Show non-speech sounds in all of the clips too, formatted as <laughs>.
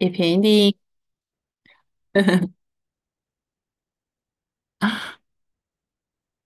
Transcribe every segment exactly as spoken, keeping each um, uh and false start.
Epeğin değil. <laughs>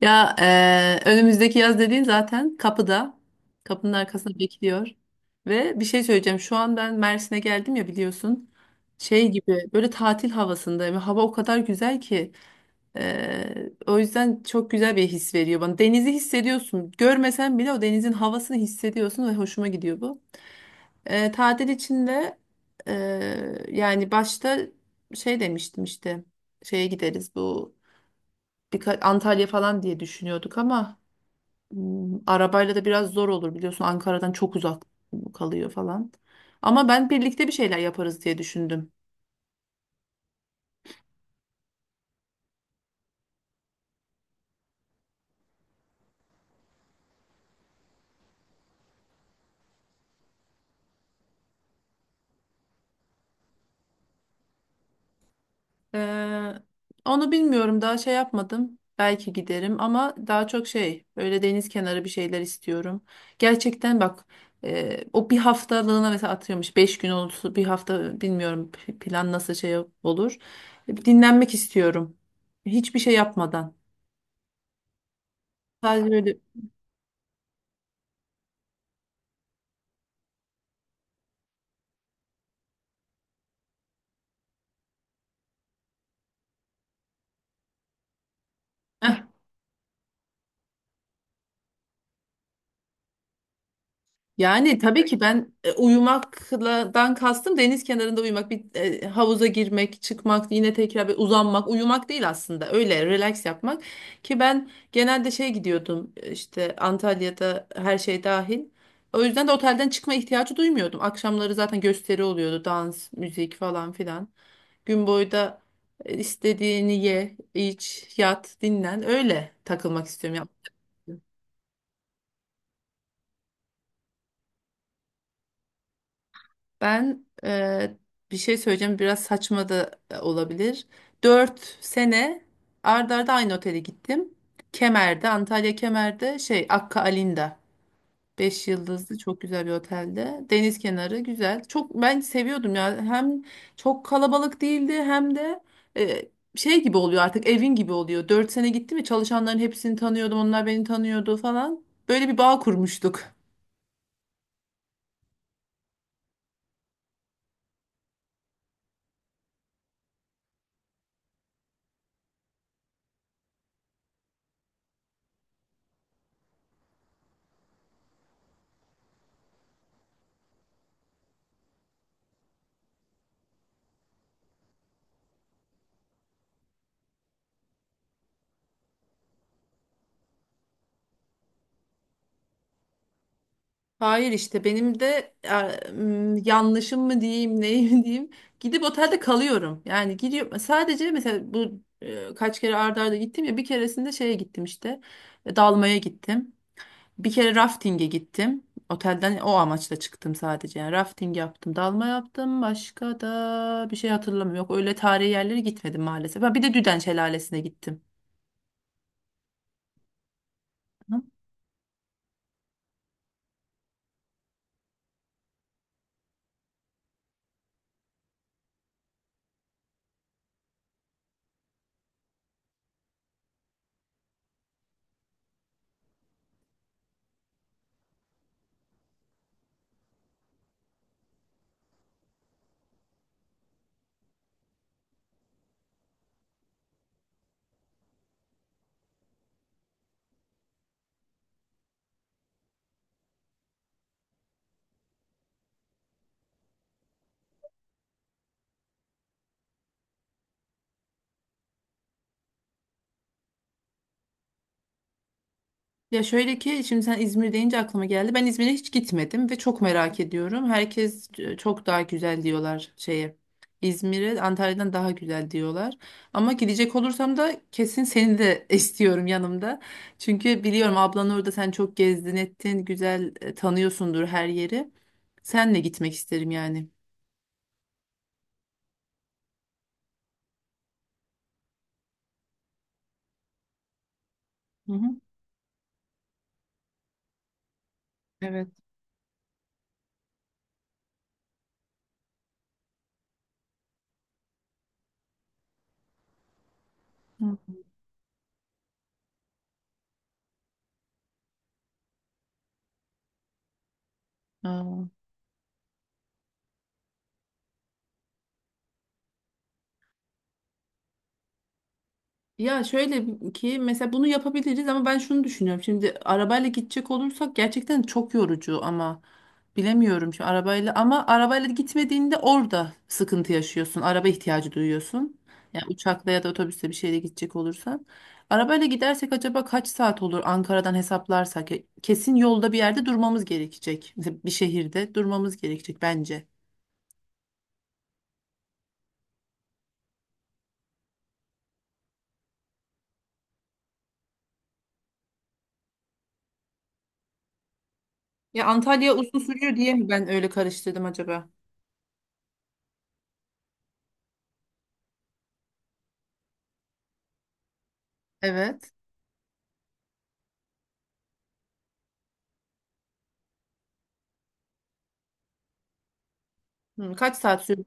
Ya eee, önümüzdeki yaz dediğin zaten kapıda. Kapının arkasında bekliyor. Ve bir şey söyleyeceğim. Şu an ben Mersin'e geldim ya biliyorsun. Şey gibi böyle tatil havasındayım. Hava o kadar güzel ki. Eee, o yüzden çok güzel bir his veriyor bana. Denizi hissediyorsun. Görmesen bile o denizin havasını hissediyorsun ve hoşuma gidiyor bu. Eee, tatil içinde yani başta şey demiştim işte. Şeye gideriz bu. Birkaç Antalya falan diye düşünüyorduk ama hmm, arabayla da biraz zor olur biliyorsun, Ankara'dan çok uzak kalıyor falan. Ama ben birlikte bir şeyler yaparız diye düşündüm. Ee, Onu bilmiyorum, daha şey yapmadım. Belki giderim ama daha çok şey böyle deniz kenarı bir şeyler istiyorum. Gerçekten bak, e, o bir haftalığına mesela atıyormuş. Beş gün olsun bir hafta bilmiyorum, p- plan nasıl şey olur. Dinlenmek istiyorum. Hiçbir şey yapmadan. Sadece böyle. Yani tabii ki ben e, uyumakla dan kastım deniz kenarında uyumak, bir e, havuza girmek, çıkmak, yine tekrar bir uzanmak, uyumak değil aslında. Öyle relax yapmak ki ben genelde şey gidiyordum, e, işte Antalya'da her şey dahil. O yüzden de otelden çıkma ihtiyacı duymuyordum. Akşamları zaten gösteri oluyordu, dans, müzik falan filan. Gün boyu da e, istediğini ye, iç, yat, dinlen. Öyle takılmak istiyorum ya. Ben e, bir şey söyleyeceğim, biraz saçma da olabilir. Dört sene ard arda aynı otele gittim. Kemer'de, Antalya Kemer'de şey Akka Alinda. Beş yıldızlı çok güzel bir otelde. Deniz kenarı güzel. Çok ben seviyordum ya. Hem çok kalabalık değildi hem de e, şey gibi oluyor, artık evin gibi oluyor. Dört sene gittim ya, çalışanların hepsini tanıyordum. Onlar beni tanıyordu falan. Böyle bir bağ kurmuştuk. Hayır, işte benim de e, m, yanlışım mı diyeyim, neyim <laughs> diyeyim, gidip otelde kalıyorum. Yani gidiyorum sadece, mesela bu e, kaç kere arda arda gittim ya, bir keresinde şeye gittim işte, e, dalmaya gittim. Bir kere rafting'e gittim. Otelden o amaçla çıktım sadece. Yani rafting yaptım, dalma yaptım. Başka da bir şey hatırlamıyorum. Yok, öyle tarihi yerlere gitmedim maalesef. Ha, bir de Düden Şelalesi'ne gittim. Ya şöyle ki, şimdi sen İzmir deyince aklıma geldi. Ben İzmir'e hiç gitmedim ve çok merak ediyorum. Herkes e, çok daha güzel diyorlar şeye. İzmir'e Antalya'dan daha güzel diyorlar. Ama gidecek olursam da kesin seni de <laughs> istiyorum yanımda. Çünkü biliyorum ablan orada, sen çok gezdin ettin. Güzel, e, tanıyorsundur her yeri. Senle gitmek isterim yani. Hı hı. Evet. Hı. Aa. Ya şöyle ki, mesela bunu yapabiliriz ama ben şunu düşünüyorum. Şimdi arabayla gidecek olursak gerçekten çok yorucu ama bilemiyorum şu arabayla, ama arabayla gitmediğinde orada sıkıntı yaşıyorsun. Araba ihtiyacı duyuyorsun. Yani uçakla ya da otobüsle bir şeyle gidecek olursan. Arabayla gidersek acaba kaç saat olur Ankara'dan hesaplarsak? Ya kesin yolda bir yerde durmamız gerekecek. Mesela bir şehirde durmamız gerekecek bence. Ya Antalya uzun sürüyor diye mi ben öyle karıştırdım acaba? Evet. Hı, kaç saat sürüyor?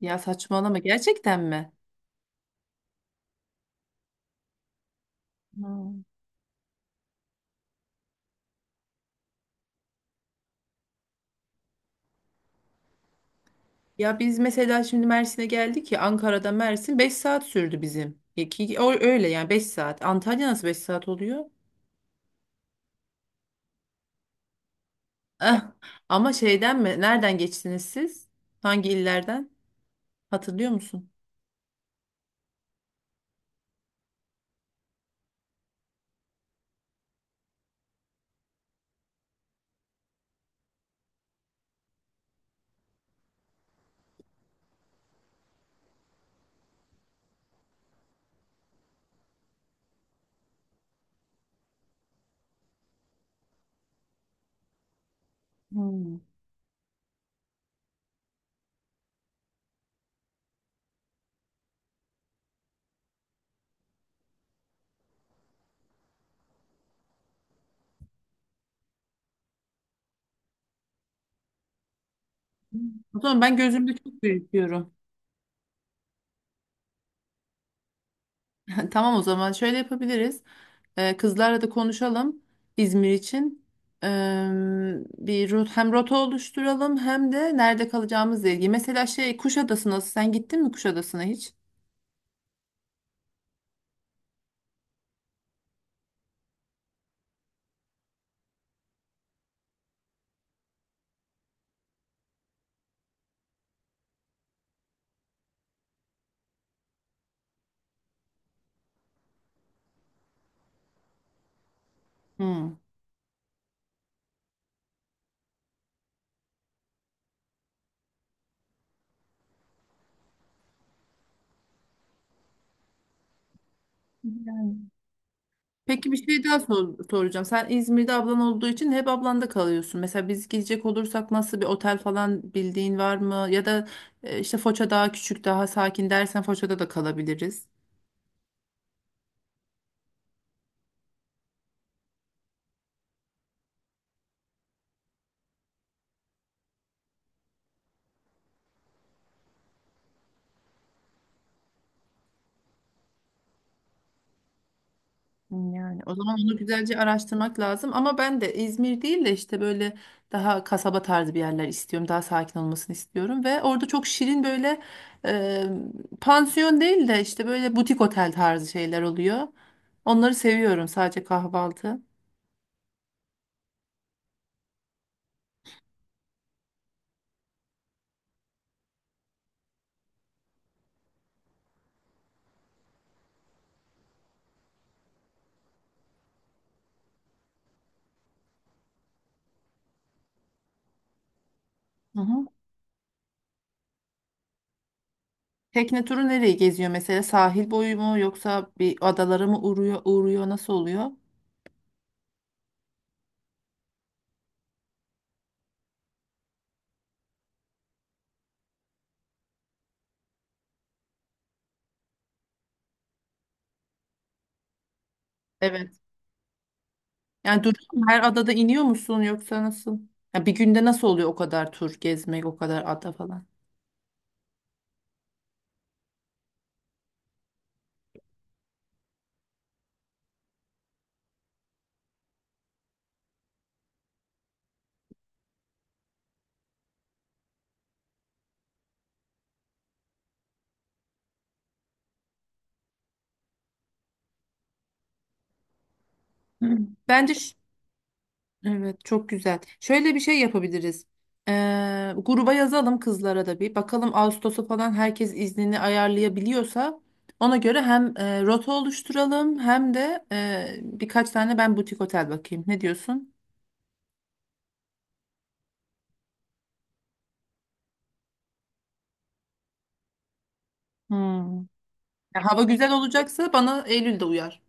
Ya saçmalama, gerçekten mi? Hmm. Ya biz mesela şimdi Mersin'e geldik ya, Ankara'da Mersin beş saat sürdü bizim. Ya ki- o- öyle yani, beş saat. Antalya nasıl beş saat oluyor? Ah, ama şeyden mi? Nereden geçtiniz siz? Hangi illerden? Hatırlıyor musun? Hmm. O zaman ben gözümde çok büyütüyorum. Tamam, o zaman şöyle yapabiliriz. Ee, kızlarla da konuşalım İzmir için. Ee, Bir rot hem rota oluşturalım hem de nerede kalacağımızla ilgili. Mesela şey Kuşadası nasıl? Sen gittin mi Kuşadası'na hiç? Hmm. Peki, bir şey daha sor- soracağım. Sen İzmir'de ablan olduğu için hep ablanda kalıyorsun. Mesela biz gidecek olursak nasıl bir otel falan bildiğin var mı? Ya da e, işte Foça daha küçük, daha sakin dersen Foça'da da kalabiliriz. Yani o zaman onu güzelce araştırmak lazım. Ama ben de İzmir değil de işte böyle daha kasaba tarzı bir yerler istiyorum. Daha sakin olmasını istiyorum. Ve orada çok şirin böyle e, pansiyon değil de işte böyle butik otel tarzı şeyler oluyor. Onları seviyorum, sadece kahvaltı. Hı hı. Tekne turu nereyi geziyor mesela? Sahil boyu mu yoksa bir adalara mı uğruyor, uğruyor nasıl oluyor? Evet. Yani duruyor mu? Her adada iniyor musun yoksa nasıl? Ya bir günde nasıl oluyor o kadar tur gezmek, o kadar ada falan? Hmm. Bence ş- evet, çok güzel. Şöyle bir şey yapabiliriz. Ee, gruba yazalım kızlara da bir. Bakalım Ağustos'a falan herkes iznini ayarlayabiliyorsa ona göre hem e, rota oluşturalım hem de e, birkaç tane ben butik otel bakayım. Ne diyorsun? Hmm. Ya hava güzel olacaksa bana Eylül'de uyar.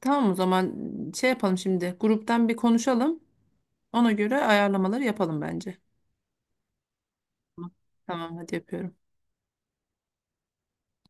Tamam, o zaman şey yapalım şimdi. Gruptan bir konuşalım. Ona göre ayarlamaları yapalım bence. Tamam. Tamam, hadi yapıyorum.